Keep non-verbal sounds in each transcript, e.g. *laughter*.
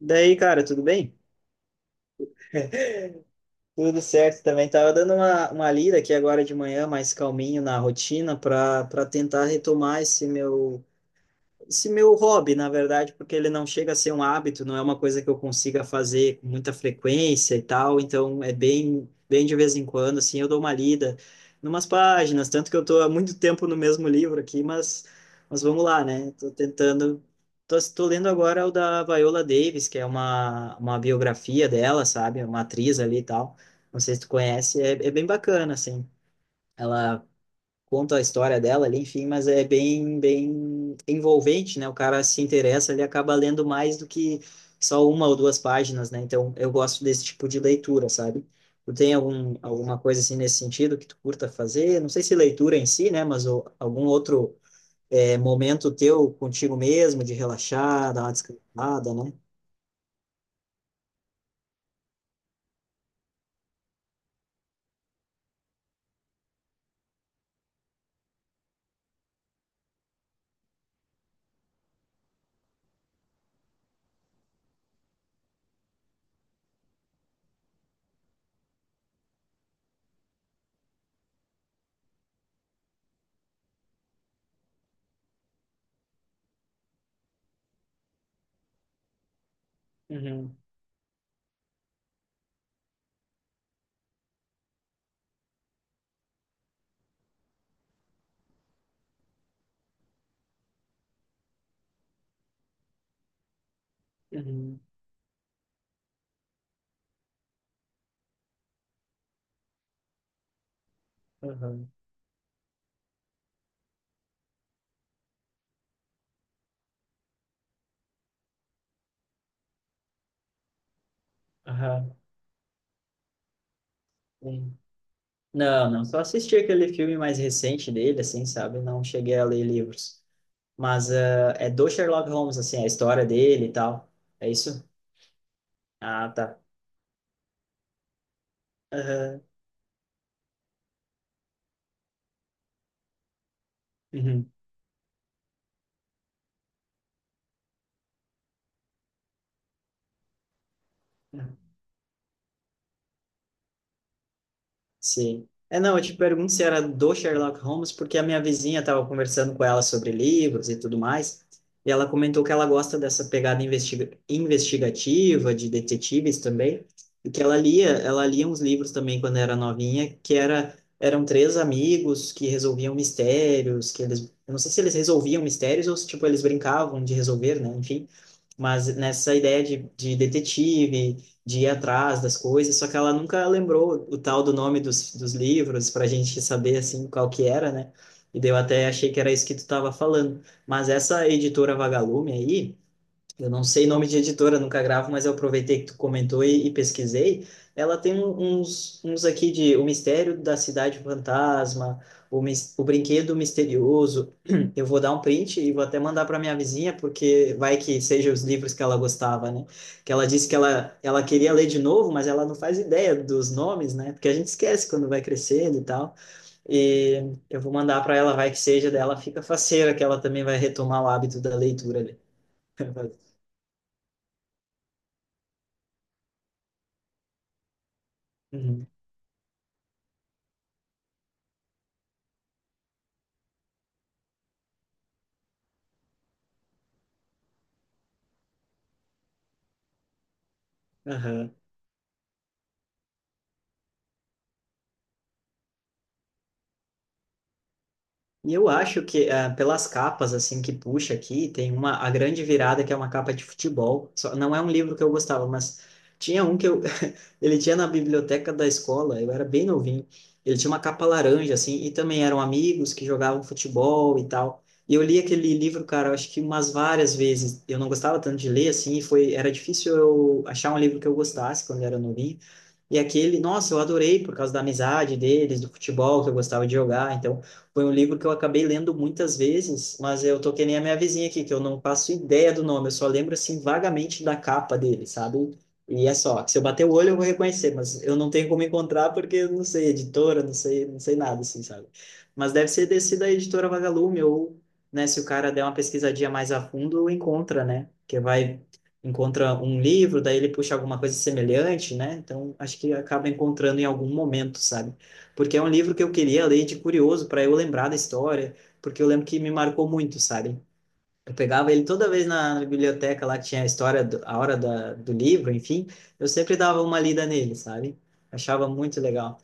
Daí, cara, tudo bem? Tudo certo também. Tava dando uma lida aqui agora de manhã, mais calminho na rotina, para tentar retomar esse meu hobby, na verdade, porque ele não chega a ser um hábito, não é uma coisa que eu consiga fazer com muita frequência e tal, então é bem, bem de vez em quando, assim, eu dou uma lida numas páginas, tanto que eu tô há muito tempo no mesmo livro aqui, mas vamos lá, né? Tô tentando, tô lendo agora o da Viola Davis, que é uma biografia dela, sabe? Uma atriz ali e tal, não sei se tu conhece, é bem bacana, assim. Ela conta a história dela ali, enfim, mas é bem, bem envolvente, né? O cara se interessa, ele acaba lendo mais do que só uma ou duas páginas, né? Então, eu gosto desse tipo de leitura, sabe? Tu tem algum, alguma coisa assim nesse sentido que tu curta fazer? Não sei se leitura em si, né? Mas algum outro momento teu contigo mesmo, de relaxar, dar uma descansada, né? Uhum, uhum, uhum, aham, sim. Não, não, só assisti aquele filme mais recente dele, assim, sabe? Não cheguei a ler livros. Mas ah, é do Sherlock Holmes, assim, a história dele e tal. É isso? Ah, tá. Aham. Uhum. Sim. É, não, eu te pergunto se era do Sherlock Holmes, porque a minha vizinha estava conversando com ela sobre livros e tudo mais, e ela comentou que ela gosta dessa pegada investigativa, de detetives também, e que ela lia uns livros também quando era novinha, que era, eram três amigos que resolviam mistérios, que eles, eu não sei se eles resolviam mistérios ou se, tipo, eles brincavam de resolver, né, enfim, mas nessa ideia de detetive de ir atrás das coisas, só que ela nunca lembrou o tal do nome dos, dos livros para a gente saber assim qual que era, né? E daí eu até achei que era isso que tu estava falando. Mas essa editora Vagalume aí, eu não sei nome de editora, nunca gravo, mas eu aproveitei que tu comentou e pesquisei. Ela tem uns, uns aqui de O Mistério da Cidade Fantasma, o, o Brinquedo Misterioso. *clears throat* Eu vou dar um print e vou até mandar para minha vizinha, porque vai que seja os livros que ela gostava, né? Que ela disse que ela queria ler de novo, mas ela não faz ideia dos nomes, né? Porque a gente esquece quando vai crescendo e tal. E eu vou mandar para ela, vai que seja dela, fica faceira, que ela também vai retomar o hábito da leitura ali. *laughs* Uhum. Aham. E eu acho que ah, pelas capas assim que puxa aqui, tem uma a grande virada que é uma capa de futebol. Só, não é um livro que eu gostava, mas tinha um que eu *laughs* ele tinha na biblioteca da escola, eu era bem novinho. Ele tinha uma capa laranja assim e também eram amigos que jogavam futebol e tal. E eu li aquele livro, cara, eu acho que umas várias vezes. Eu não gostava tanto de ler assim, e foi era difícil eu achar um livro que eu gostasse quando eu era novinho. E aquele, nossa, eu adorei por causa da amizade deles, do futebol que eu gostava de jogar. Então, foi um livro que eu acabei lendo muitas vezes, mas eu tô que nem a minha vizinha aqui, que eu não faço ideia do nome, eu só lembro assim vagamente da capa dele, sabe? E é só, que se eu bater o olho eu vou reconhecer, mas eu não tenho como encontrar porque eu não sei editora, não sei, não sei nada assim, sabe? Mas deve ser desse da editora Vagalume ou, né, se o cara der uma pesquisadinha mais a fundo, encontra, né? Que vai encontra um livro, daí ele puxa alguma coisa semelhante, né? Então, acho que acaba encontrando em algum momento, sabe? Porque é um livro que eu queria ler de curioso para eu lembrar da história, porque eu lembro que me marcou muito, sabe? Eu pegava ele toda vez na biblioteca lá que tinha a história, do, a hora da, do livro, enfim, eu sempre dava uma lida nele, sabe? Achava muito legal.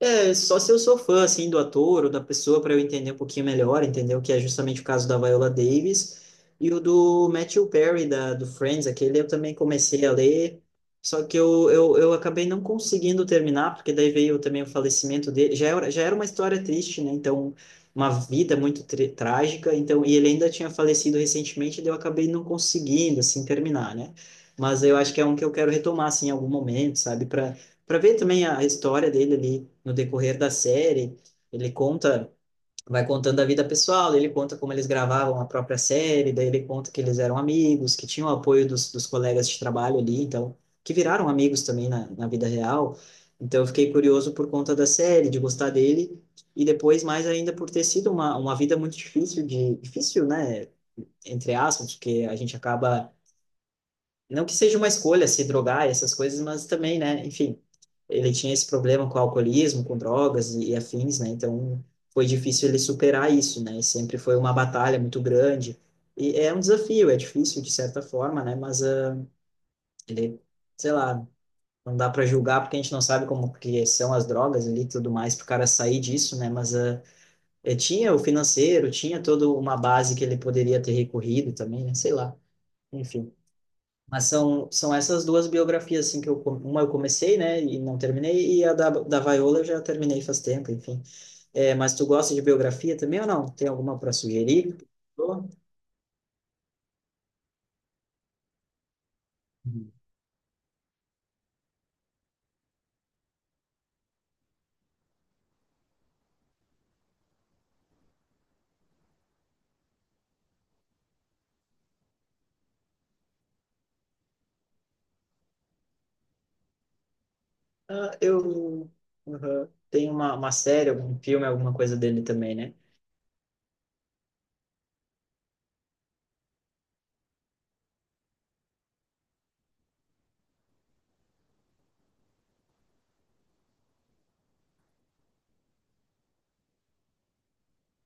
É, só se eu sou fã, assim, do ator ou da pessoa para eu entender um pouquinho melhor, entendeu? Que é justamente o caso da Viola Davis. E o do Matthew Perry, da, do Friends, aquele eu também comecei a ler, só que eu acabei não conseguindo terminar, porque daí veio também o falecimento dele. Já era uma história triste, né? Então, uma vida muito trágica. Então, e ele ainda tinha falecido recentemente, daí eu acabei não conseguindo, assim, terminar, né? Mas eu acho que é um que eu quero retomar, assim, em algum momento, sabe? Para ver também a história dele ali no decorrer da série. Ele conta, vai contando a vida pessoal, ele conta como eles gravavam a própria série, daí ele conta que eles eram amigos, que tinham o apoio dos, dos colegas de trabalho ali, então, que viraram amigos também na vida real. Então, eu fiquei curioso por conta da série, de gostar dele, e depois mais ainda por ter sido uma vida muito difícil de, difícil, né? Entre aspas, porque a gente acaba não que seja uma escolha se drogar e essas coisas, mas também, né, enfim, ele tinha esse problema com alcoolismo, com drogas e afins, né, então foi difícil ele superar isso, né, e sempre foi uma batalha muito grande, e é um desafio, é difícil de certa forma, né, mas ah, ele, sei lá, não dá para julgar porque a gente não sabe como que são as drogas ali e tudo mais, para o cara sair disso, né, mas ah, tinha o financeiro, tinha toda uma base que ele poderia ter recorrido também, né, sei lá, enfim. Mas são, são essas duas biografias, assim, que eu, uma eu comecei, né, e não terminei, e a da, da Viola eu já terminei faz tempo, enfim. É, mas tu gosta de biografia também ou não? Tem alguma para sugerir? Uhum. Ah, eu uhum. Tem uma série, algum filme, alguma coisa dele também, né?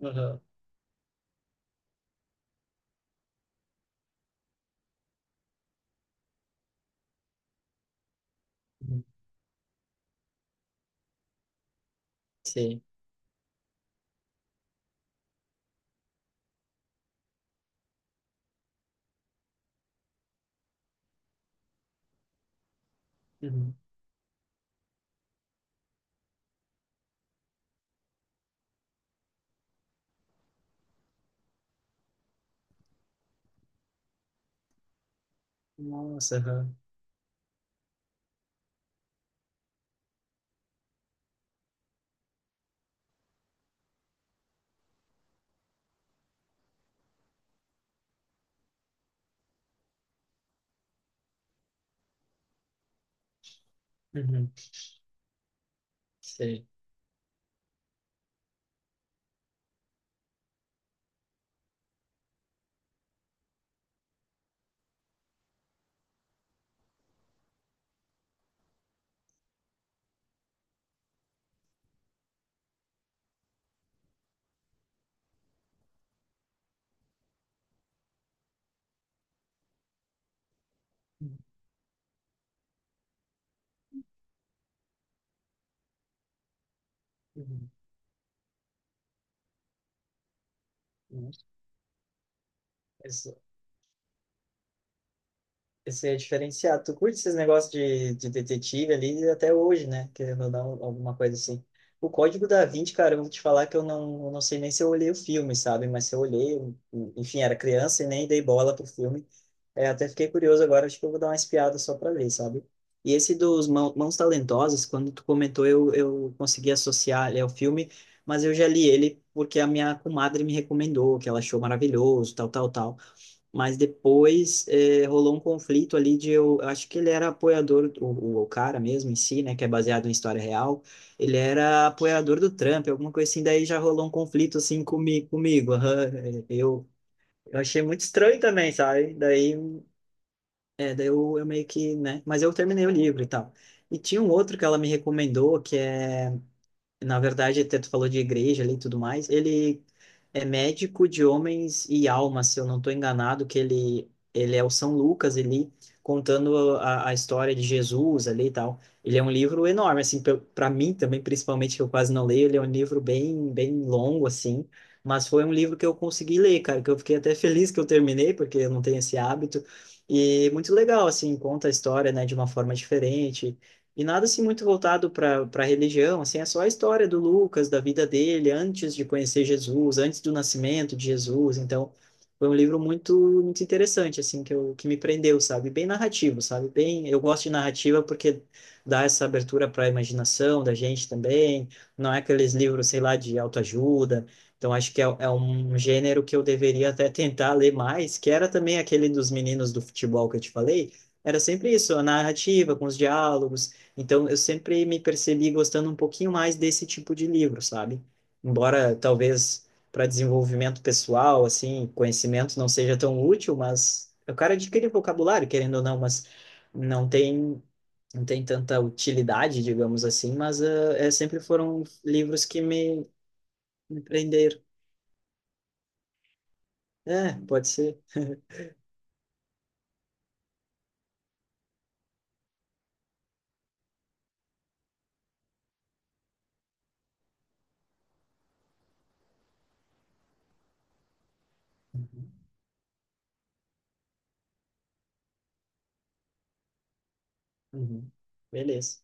Uhum. Uhum. Sei. Uhum. Nossa, aham. Uhum. Sei. Uhum. Uhum. Mas, isso é diferenciado. Tu curte esses negócios de detetive ali até hoje, né? Querendo ou não, alguma coisa assim. O Código da Vinci, cara, eu vou te falar que eu não sei nem se eu olhei o filme, sabe? Mas se eu olhei, enfim, era criança e nem dei bola pro filme. É, até fiquei curioso agora, acho que eu vou dar uma espiada só pra ver, sabe? E esse dos Mãos Talentosas, quando tu comentou, eu consegui associar ele ao filme, mas eu já li ele porque a minha comadre me recomendou, que ela achou maravilhoso, tal, tal, tal. Mas depois rolou um conflito ali de eu acho que ele era apoiador, o cara mesmo em si, né, que é baseado em história real, ele era apoiador do Trump, alguma coisa assim, daí já rolou um conflito assim comigo. Aham, eu achei muito estranho também, sabe? Daí, é, daí eu meio que, né, mas eu terminei o livro e tal. E tinha um outro que ela me recomendou, que é na verdade, até tu falou de igreja ali e tudo mais, ele é médico de homens e almas, se eu não estou enganado, que ele é o São Lucas ali, contando a história de Jesus ali e tal. Ele é um livro enorme, assim, para mim também, principalmente, que eu quase não leio, ele é um livro bem, bem longo, assim, mas foi um livro que eu consegui ler, cara, que eu fiquei até *laughs* feliz que eu terminei, porque eu não tenho esse hábito, e muito legal, assim, conta a história, né, de uma forma diferente, e nada assim muito voltado para religião, assim, é só a história do Lucas, da vida dele antes de conhecer Jesus, antes do nascimento de Jesus. Então, foi um livro muito muito interessante assim que eu, que me prendeu, sabe? Bem narrativo, sabe? Bem, eu gosto de narrativa porque dá essa abertura para a imaginação da gente também. Não é aqueles livros, sei lá, de autoajuda. Então, acho que é um gênero que eu deveria até tentar ler mais, que era também aquele dos meninos do futebol que eu te falei. Era sempre isso, a narrativa com os diálogos então, eu sempre me percebi gostando um pouquinho mais desse tipo de livro, sabe? Embora talvez para desenvolvimento pessoal, assim, conhecimento não seja tão útil, mas o cara adquire vocabulário, querendo ou não, mas não tem não tem tanta utilidade, digamos assim, mas é, sempre foram livros que me prenderam. É, pode ser. Uhum. Uhum. Beleza.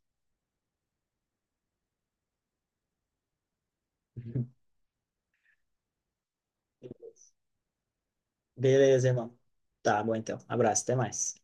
Uhum. Beleza, irmão. Tá bom, então. Abraço, até mais.